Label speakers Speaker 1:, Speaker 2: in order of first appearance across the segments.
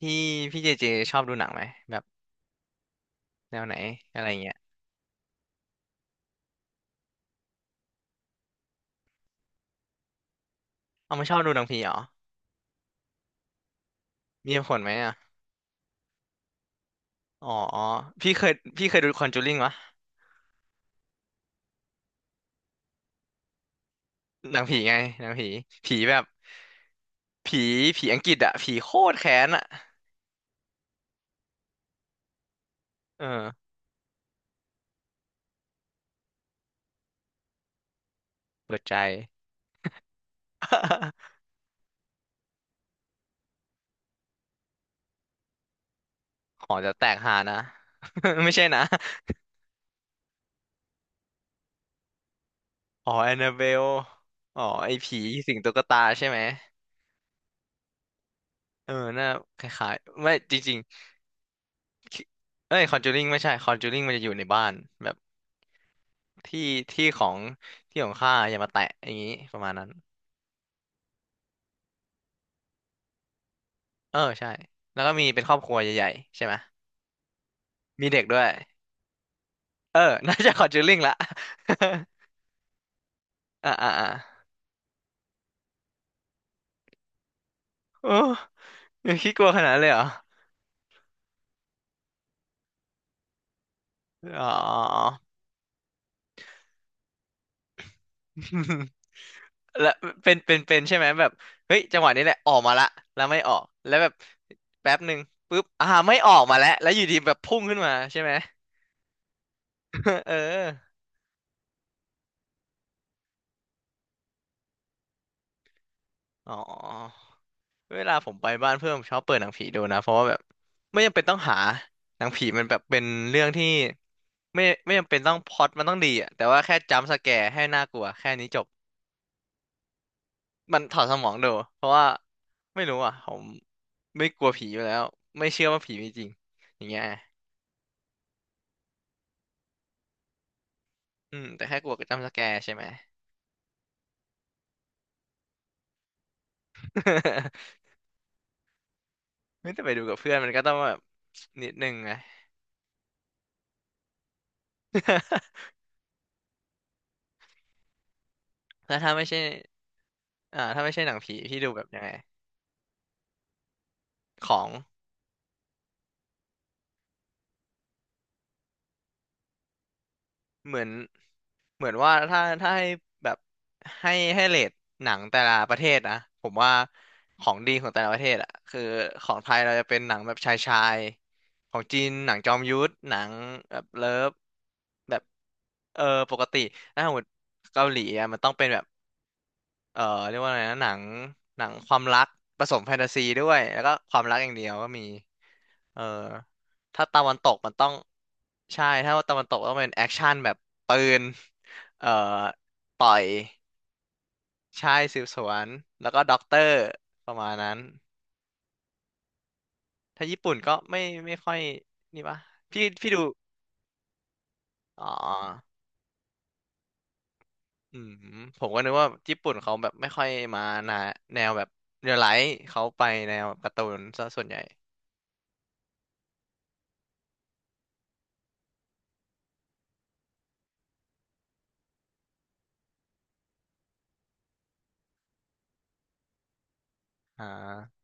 Speaker 1: พี่พี่เจเจชอบดูหนังไหมแบบแนวไหนอะไรเงี้ยเอาไม่ชอบดูหนังผีเหรอ มีเหตุผลไหมอ่ะ อ๋อพี่เคยพี่เคยดูคอนจูริงวะหนังผีไงหนังผีผีแบบผีผีอังกฤษอะผีโคตรแค้นอะเออเปิดใจ หอจะแตกหานะ ไม่ใช่นะอ๋อแอนนาเบลอ๋อไอผีสิงตุ๊กตาใช่ไหมเออน่าคล้ายๆไม่จริงๆเอ้ยคอนจูริงไม่ใช่คอนจูริงมันจะอยู่ในบ้านแบบ ที่ที่ของที่ของข้าอย่ามาแตะอย่างนี้ประมาณนั้นเออใช่แล้วก็มีเป็นครอบครัวใหญ่ๆใช่ไหมมีเด็กด้วยเออ น่าจะคอนจูริงละ อ่าอ่าอ่าโอ้ยังคิดกลัวขนาดนั้นเลยเหรออ๋อ แล้วเป็นใช่ไหมแบบเฮ้ยจังหวะนี้แหละออกมาละแล้วไม่ออกแล้วแบบแป๊บหนึ่งปุ๊บไม่ออกมาแล้วแล้วอยู่ดีแบบพุ่งขึ้นมาใช่ไหม เอออ๋อ เวลาผมไปบ้านเพื่อนผมชอบเปิดหนังผีดูนะเพราะว่าแบบไม่จำเป็นต้องหาหนังผีมันแบบเป็นเรื่องที่ไม่จำเป็นต้องพล็อตมันต้องดีอะแต่ว่าแค่จัมป์สแกร์ให้น่ากลัวแค่นี้จบมันถอดสมองดูเพราะว่าไม่รู้อ่ะผมไม่กลัวผีอยู่แล้วไม่เชื่อว่าผีมีจริงอย่างเงี้ยอืมแต่แค่กลัวกับจัมป์สแกร์ใช่ไหม ไม่แต่ไปดูกับเพื่อนมันก็ต้องแบบนิดนึงไง แล้วถ้าไม่ใช่อ่าถ้าไม่ใช่หนังผีพี่ดูแบบยังไงของ เหมือนเหมือนว่าถ้าให้แบบให้เรทหนังแต่ละประเทศนะผมว่าของดีของแต่ละประเทศอะคือของไทยเราจะเป็นหนังแบบชายชายของจีนหนังจอมยุทธหนังแบบเลิฟแบบเออปกติถ้าสมมติเกาหลีอะมันต้องเป็นแบบ เอ่อเรียกว่าอะไรนะหนังหนังความรักผสมแฟนตาซีด้วยแล้วก็ความรักอย่างเดียวก็มีเออถ้าตะวันตกมันต้องใช่ถ้าตะวันตกต้องเป็นแอคชั่นแบบปืนเอ่อต่อยใช่สืบสวนแล้วก็ด็อกเตอร์ประมาณนั้นถ้าญี่ปุ่นก็ไม่ไม่ค่อยนี่ปะพี่ดูอ๋ออืมผมก็นึกว่าญี่ปุ่นเขาแบบไม่ค่อยมานะแนวแบบเรียลไลท์เขาไปแนวแบบการ์ตูนซะส่วนใหญ่อ่า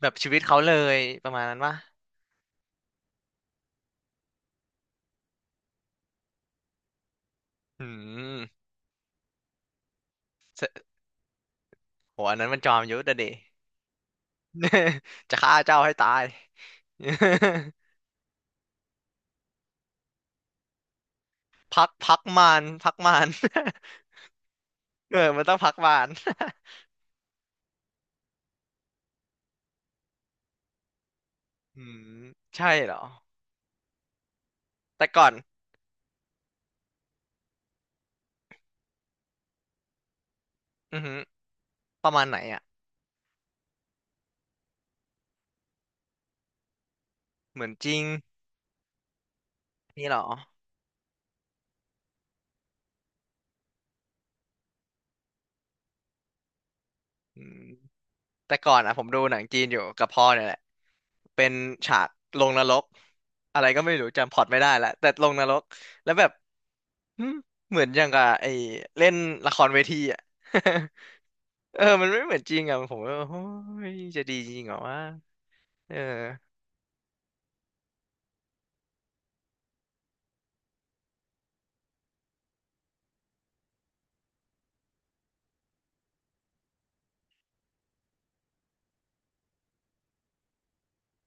Speaker 1: แบบชีวิตเขาเลยประมาณนั้นวะอืมโหอันนั้นมันจอมยุทธอะเด จะฆ่าเจ้าให้ตาย พักพักมารพักมาร เออมันต้องพักมาร อืมใช่เหรอ แต่ก่อนอือหือประมาณไหนอ่ะเหมือนจริงนี่เหรออืมแต่ก่อนอ่ะผมดูหนังจีนอยู่กับพ่อเนี่ยแหละเป็นฉากลงนรกอะไรก็ไม่รู้จำพล็อตไม่ได้ละแต่ลงนรกแล้วแบบ หึเหมือนอย่างกับไอ้เล่นละครเวทีอ่ะ เออมันไม่เหมือนจริงอ่ะผมว่าโอ้ยจะดีจริงเหรอวะเออ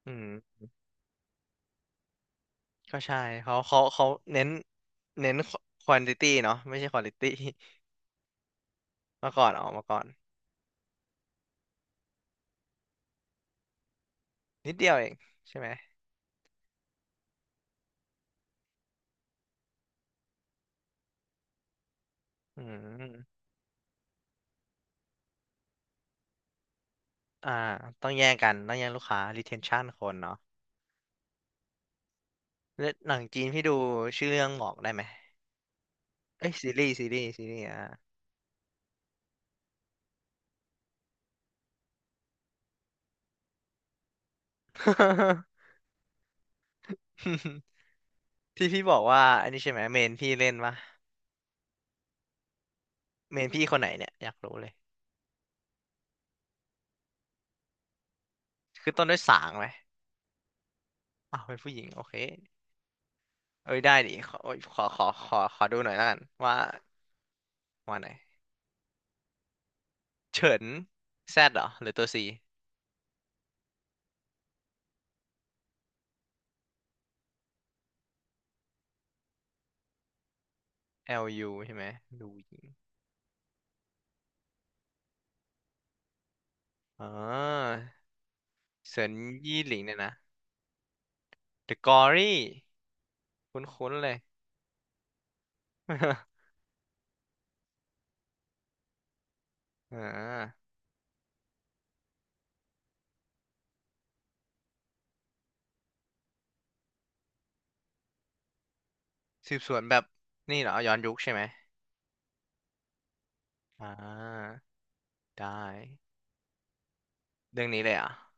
Speaker 1: อืมก็ใช่เขาเน้นเน้นควอนติตี้เนาะไม่ใช่ควอลิตี้ มาก่อนออกมาก่อนนิดเดียวเองใช่ไหมอืมอ่าต้องแย่งกันต้องแย่งลูกค้า retention คนเนาะแล้วหนังจีนพี่ดูชื่อเรื่องบอกได้ไหมเอ้ยซีรีส์อ่ะ ที่พี่บอกว่าอันนี้ใช่ไหมเมนพี่เล่นปะ เมนพี่คนไหนเนี่ย อยากรู้เลย คือต้นด้วยสางไหมอ้าวเป็นผู้หญิงโอเคเอ้ยได้ดิขอโอ้ยขอดูหน่อยละกันว่าว่าไหน เฉินแซดเหรอหรือตัวซี LU ใช่ไหมดูหญิง อ๋อเฉินยี่หลิงเนี่ยนะ The Gory คุ้นๆเลย อ่าสืบสวนแบบนี่เหรอย้อนยุคใช่ไหมอ่าได้ เรื่องนี้เลยเหรอ่ะ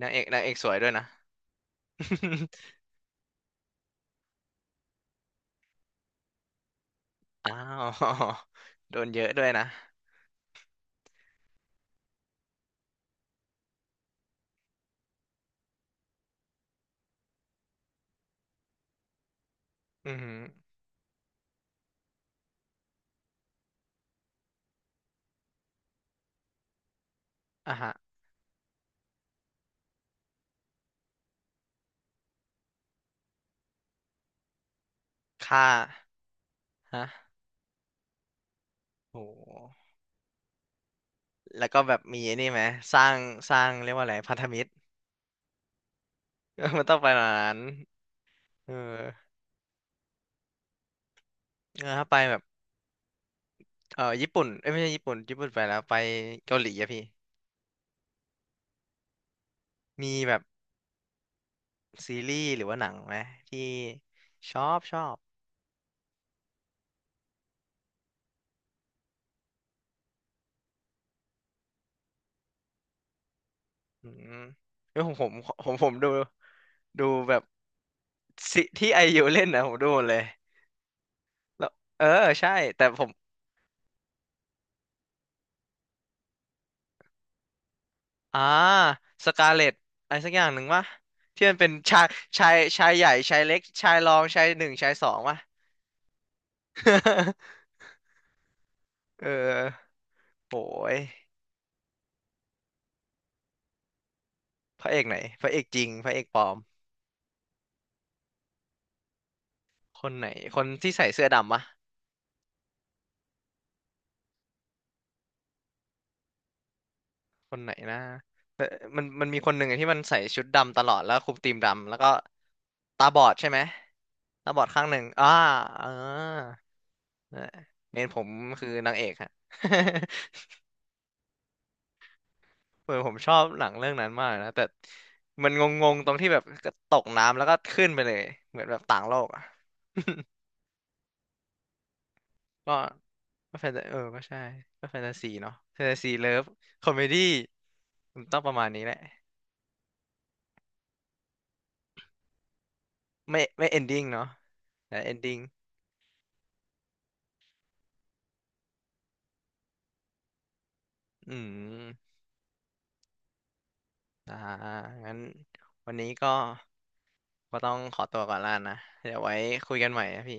Speaker 1: นางเอกนางเอกสวยด้วยนะ อ้าว โดนเยอะด้วยนะอือหือ อ่ะฮะค่าฮะโหแล้วก็แบบมีไอ้นี่ไหม สร้าง สร้างเรียกว่าอะไร พันธมิตร มันต้องไปแบบนั้นเออเออถ้าไปแบบ เออญี่ปุ่นเอ้ยไม่ใช่ญี่ปุ่นญี่ปุ่นไปแล้ว ไปเกาหลีอะพี่ มีแบบซีรีส์หรือว่าหนังไหมที่ชอบชอบอืมเออผมดูแบบสิที่ไอยูเล่นนะผมดูหมดเลยแล้วเออ ใช่ แต่ผม อ่าสกาเลตอะไรสักอย่างหนึ่งวะที่มันเป็นชายชายใหญ่ชายเล็กชายรองชายหนึ่งชายสองวะ เออโหยพระเอกไหนพระเอกจริงพระเอกปลอมคนไหนคนที่ใส่เสื้อดำวะคนไหนนะเออมันมีคนหนึ่งอะที่มันใส่ชุดดำตลอดแล้วคลุมธีมดำแล้วก็ตาบอดใช่ไหมตาบอดข้างหนึ่งอ่าเออเมนผมคือนางเอกฮะ เหมือนผมชอบหนังเรื่องนั้นมากนะแต่มันงงๆตรงที่แบบก็ตกน้ำแล้วก็ขึ้นไปเลยเหมือนแบบต่างโลกอ่ะ ก็ก็แฟนตาเออก็ใช่ก็แฟนตาซีเนาะแฟนตาซีเลิฟคอมเมดี้มันต้องประมาณนี้แหละไม่เอนดิ้งเนาะแต่เอนดิ้งอืมอ่างั้นวันนี้ก็ก็ต้องขอตัวก่อนละนะเดี๋ยวไว้คุยกันใหม่นะพี่